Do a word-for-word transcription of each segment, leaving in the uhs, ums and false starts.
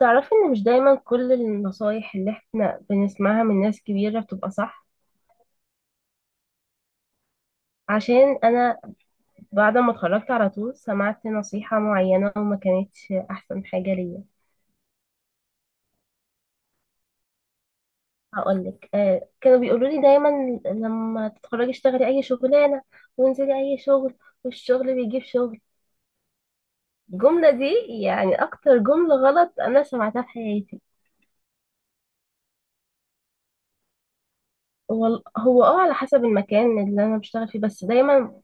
تعرفي ان مش دايما كل النصايح اللي احنا بنسمعها من ناس كبيرة بتبقى صح. عشان انا بعد ما اتخرجت على طول سمعت نصيحة معينة وما كانتش احسن حاجة ليا. هقولك آه، كانوا بيقولوا لي دايما لما تتخرجي اشتغلي اي شغلانة وانزلي اي شغل والشغل بيجيب شغل. الجملة دي يعني اكتر جملة غلط انا سمعتها في حياتي. وال- هو اه على حسب المكان اللي انا بشتغل فيه بس دايما،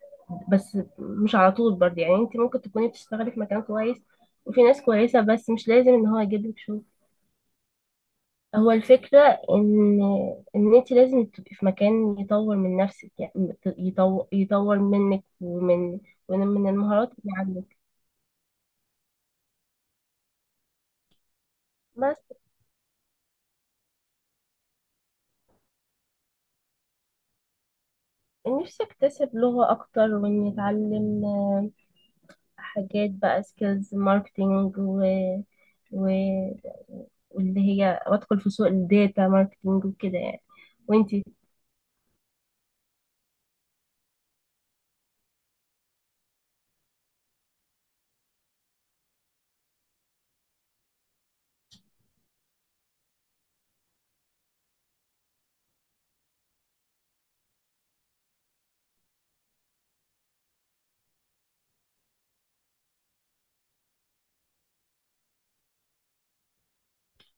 بس مش على طول برضه. يعني انت ممكن تكوني بتشتغلي في مكان كويس وفي ناس كويسة بس مش لازم ان هو يجيب لك شغل. هو الفكرة ان ان انت لازم تبقي في مكان يطور من نفسك، يعني يطور يطور منك ومن ومن من المهارات اللي عندك. بس نفسي اكتسب لغة اكتر واني اتعلم حاجات بقى سكيلز ماركتينج و- واللي هي وادخل في سوق الداتا ماركتينج وكده يعني. وانتي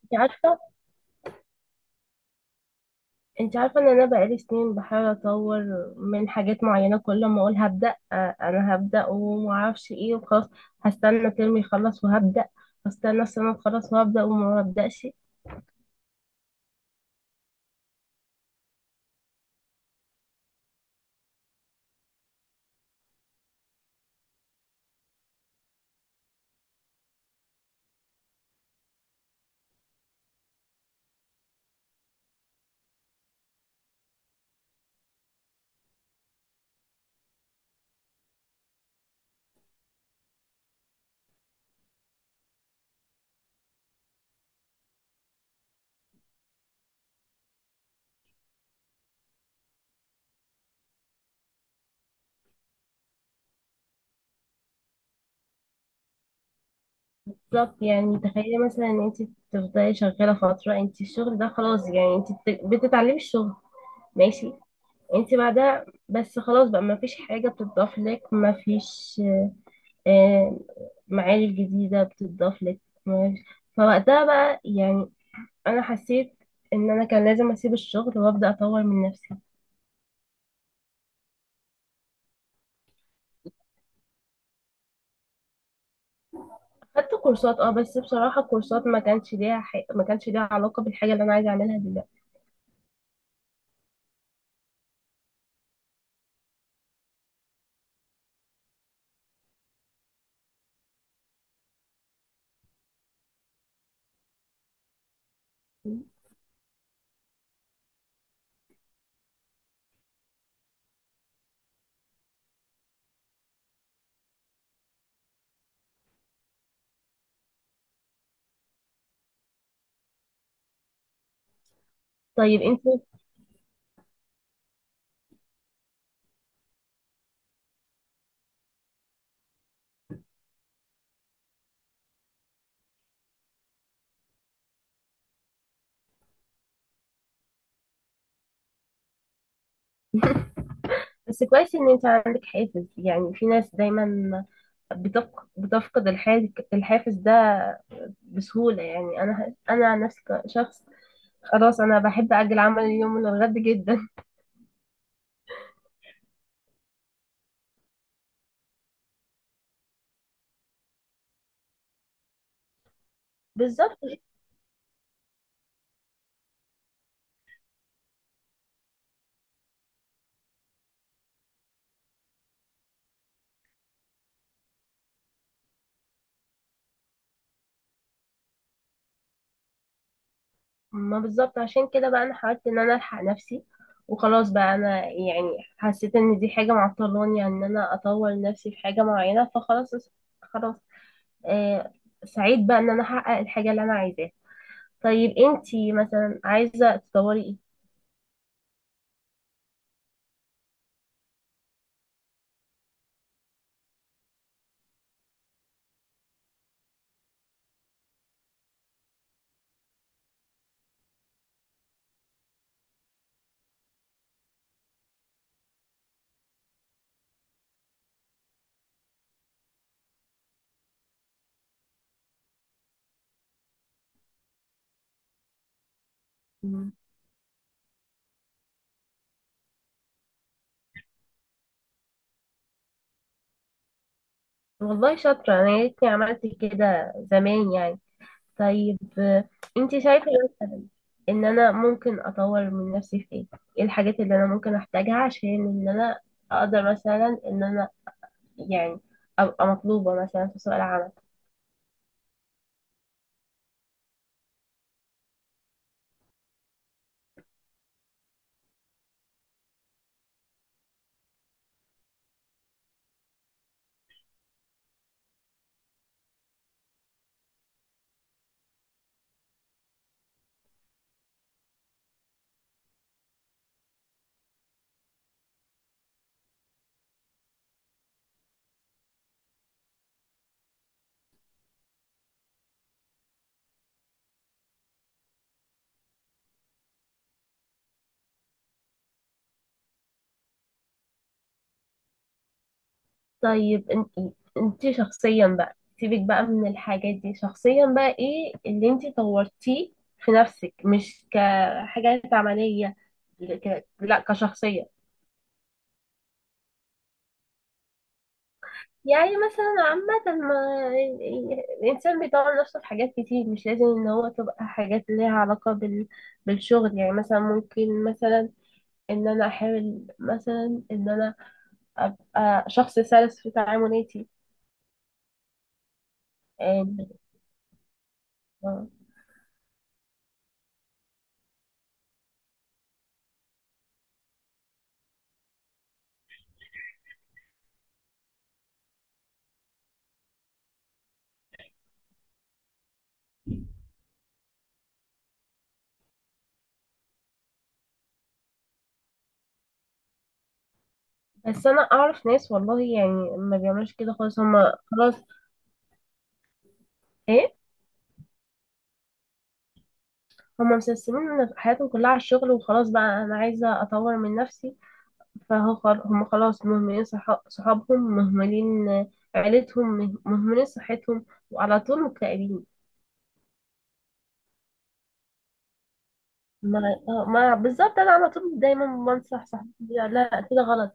انت عارفه انت عارفه ان انا بقالي سنين بحاول اطور من حاجات معينه، كل ما اقول هبدا آه، انا هبدا ومعرفش ايه وخلاص. هستنى ترمي يخلص وهبدا، هستنى السنه تخلص وهبدا وما ببداش. بالظبط. يعني تخيلي مثلا ان انت تفضلي شغاله فتره، انت الشغل ده خلاص يعني انت بت- بتتعلمي الشغل، ماشي. انت بعدها بس خلاص بقى ما فيش حاجة بتضاف لك، ما فيش آه، معارف جديدة بتضاف لك، معارف. فوقتها بقى يعني أنا حسيت إن أنا كان لازم أسيب الشغل وأبدأ أطور من نفسي. خدت كورسات أه بس بصراحة الكورسات ما كانش ليها ح... ما كانش ليها علاقة بالحاجة اللي أنا عايزة أعملها دلوقتي. طيب أنت. بس كويس إن أنت عندك حافز. يعني في ناس دايما بتفق... بتفقد الحاج... الحافز ده بسهولة. يعني أنا أنا عن نفسي كشخص خلاص أنا بحب أجل عمل اليوم من الغد جدا. بالظبط. ما بالظبط، عشان كده بقى انا حاولت ان انا الحق نفسي وخلاص بقى انا. يعني حسيت ان دي حاجه معطلاني عن ان انا اطور نفسي في حاجه معينه فخلاص. خلاص. آه. سعيد بقى ان انا احقق الحاجه اللي انا عايزاها. طيب انتي مثلا عايزه تطوري ايه؟ مم. والله شاطره انا، يا ريتني عملت كده زمان يعني. طيب آه، انتي شايفه مثلا ان انا ممكن اطور من نفسي في ايه؟ ايه الحاجات اللي انا ممكن احتاجها عشان ان انا اقدر مثلا ان انا يعني أبقى مطلوبة مثلا في سوق العمل؟ طيب انت، انت شخصيا بقى سيبك بقى من الحاجات دي، شخصيا بقى ايه اللي انت طورتيه في نفسك؟ مش كحاجات عملية، ك... لا كشخصية. يعني مثلا عامة ما الإنسان بيطور نفسه في حاجات كتير، مش لازم إن هو تبقى حاجات ليها علاقة بال... بالشغل. يعني مثلا ممكن مثلا إن أنا أحاول مثلا إن أنا أبقى شخص سلس في تعاملاتي. آه. بس انا اعرف ناس، والله يعني ما بيعملوش كده خالص، هما خلاص. ايه، هما مسلسلين حياتهم كلها على الشغل وخلاص. بقى انا عايزه اطور من نفسي. فهو خل... هم خلاص مهملين، صح... صحابهم مهملين، آه، عيلتهم مه- مهملين صحتهم وعلى طول مكتئبين. ما آه، ما بالظبط، انا على طول دايما بنصح صاحبتي لا كده غلط.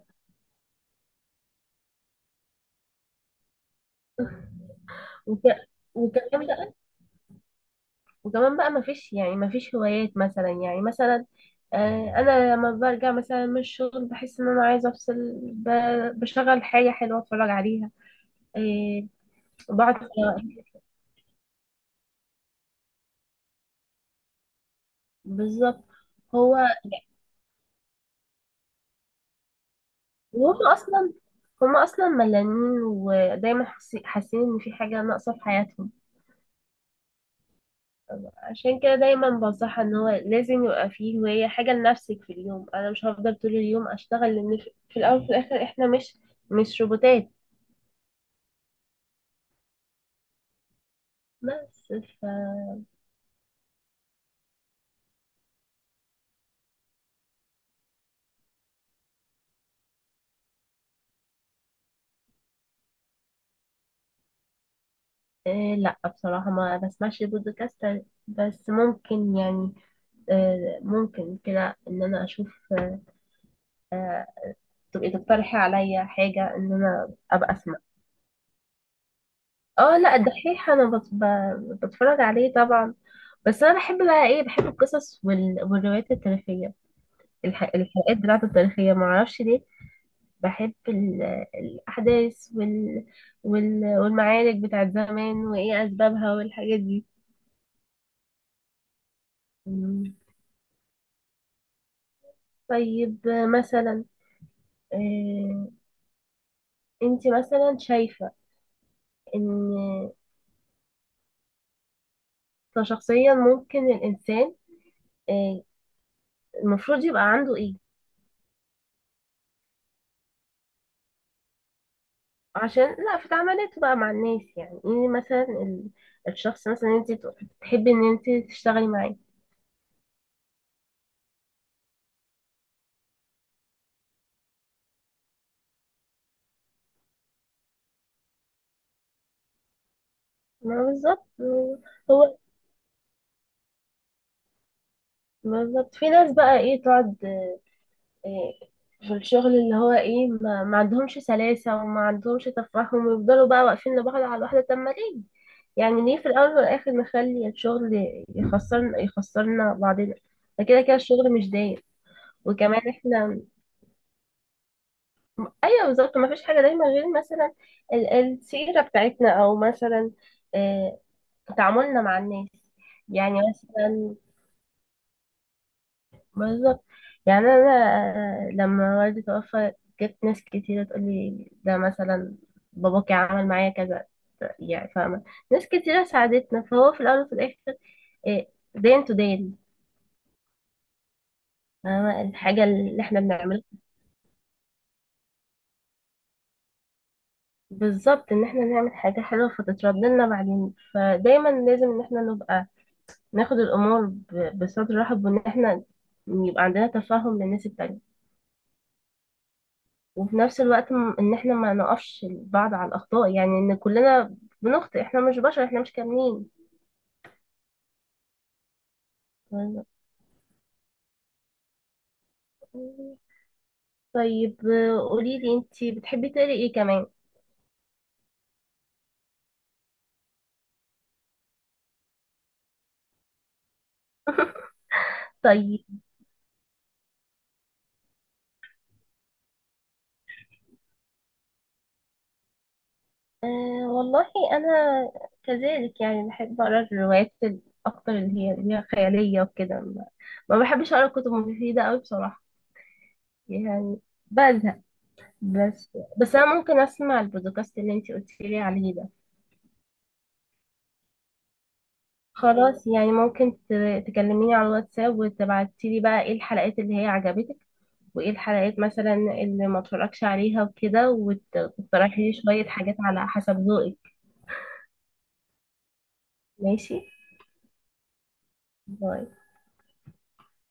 وك... وكلام. وكمان بقى مفيش يعني مفيش هوايات مثلا. يعني مثلا آه، انا لما برجع مثلا من الشغل بحس ان انا عايزه افصل، ب- بشغل حاجه حلوه اتفرج عليها. آه، بقعد في- بالظبط. هو وهم اصلا، هم اصلا ملانين ودايما حاسي- حاسين ان في حاجه ناقصه في حياتهم. عشان كده دايما بنصحها ان هو لازم يبقى فيه هوايه، حاجه لنفسك في اليوم. انا مش هفضل طول اليوم اشتغل، لان في في الاول وفي الاخر احنا مش، مش روبوتات. بس إيه، لا بصراحة ما بسمعش بودكاست بس ممكن يعني آه، ممكن كده ان انا اشوف آه، آه، تبقي تقترحي عليا حاجة ان انا ابقى اسمع. اه لا الدحيح انا بت- ب- بتفرج عليه طبعا. بس انا بحب بقى ايه، بحب القصص وال- والروايات التاريخية. الح- الحلقات بتاعته التاريخية معرفش ليه بحب ال- الاحداث وال وال- والمعارك بتاعت زمان وايه اسبابها والحاجات دي. مم. طيب مثلا آه، انت مثلا شايفة ان كشخصيا ممكن الانسان آه، المفروض يبقى عنده ايه عشان لا في تعاملاته بقى مع الناس؟ يعني ايه مثلا ال- الشخص مثلا انت تحبي ان انت تشتغلي معاه؟ ما بالظبط. هو بالظبط، في ناس بقى ايه تقعد في الشغل اللي هو ايه ما, ما عندهمش سلاسة وما عندهمش تفاهم ويفضلوا بقى واقفين لبعض على الواحدة. طب ما ليه؟ يعني ليه في الأول والآخر نخلي الشغل يخسرنا يخسرنا بعضنا؟ ده كده كده الشغل مش دايم. وكمان احنا، ايوه بالظبط، ما فيش حاجة دايما غير مثلا ال- السيرة بتاعتنا او مثلا آه، تعاملنا مع الناس. يعني مثلا بالظبط. يعني انا آه، لما والدي توفى جت ناس كتيرة تقول لي ده مثلا باباكي عمل معايا كذا، يعني فاهمة. ناس كتيرة ساعدتنا، فهو في الأول وفي الآخر إيه، دين تو دين. فاهمة الحاجة اللي احنا بنعملها. بالظبط، ان احنا نعمل حاجة حلوة فتترد لنا بعدين. فدايما لازم ان احنا نبقى ناخد الأمور ب- بصدر رحب، وان احنا يبقى عندنا تفاهم للناس التانية. وفي نفس الوقت م- ان احنا ما نقفش بعض على الاخطاء. يعني ان كلنا بنخطئ، احنا مش بشر، احنا مش كاملين. طيب آه، قولي لي انتي بتحبي تقري ايه كمان؟ طيب آه، والله انا كذلك يعني بحب اقرا الروايات ال- اكتر اللي هي اللي هي خياليه وكده. ما ما بحبش اقرا كتب مفيده قوي بصراحه، يعني بزهق. بس بس انا ممكن اسمع البودكاست اللي انتي قلتي لي عليه ده. خلاص، يعني ممكن ت- تكلميني على الواتساب وتبعتي لي بقى ايه الحلقات اللي هي عجبتك وايه الحلقات مثلا اللي ما اتفرجش عليها وكده، وتقترحي لي شوية حاجات على حسب ذوقك. ماشي. باي.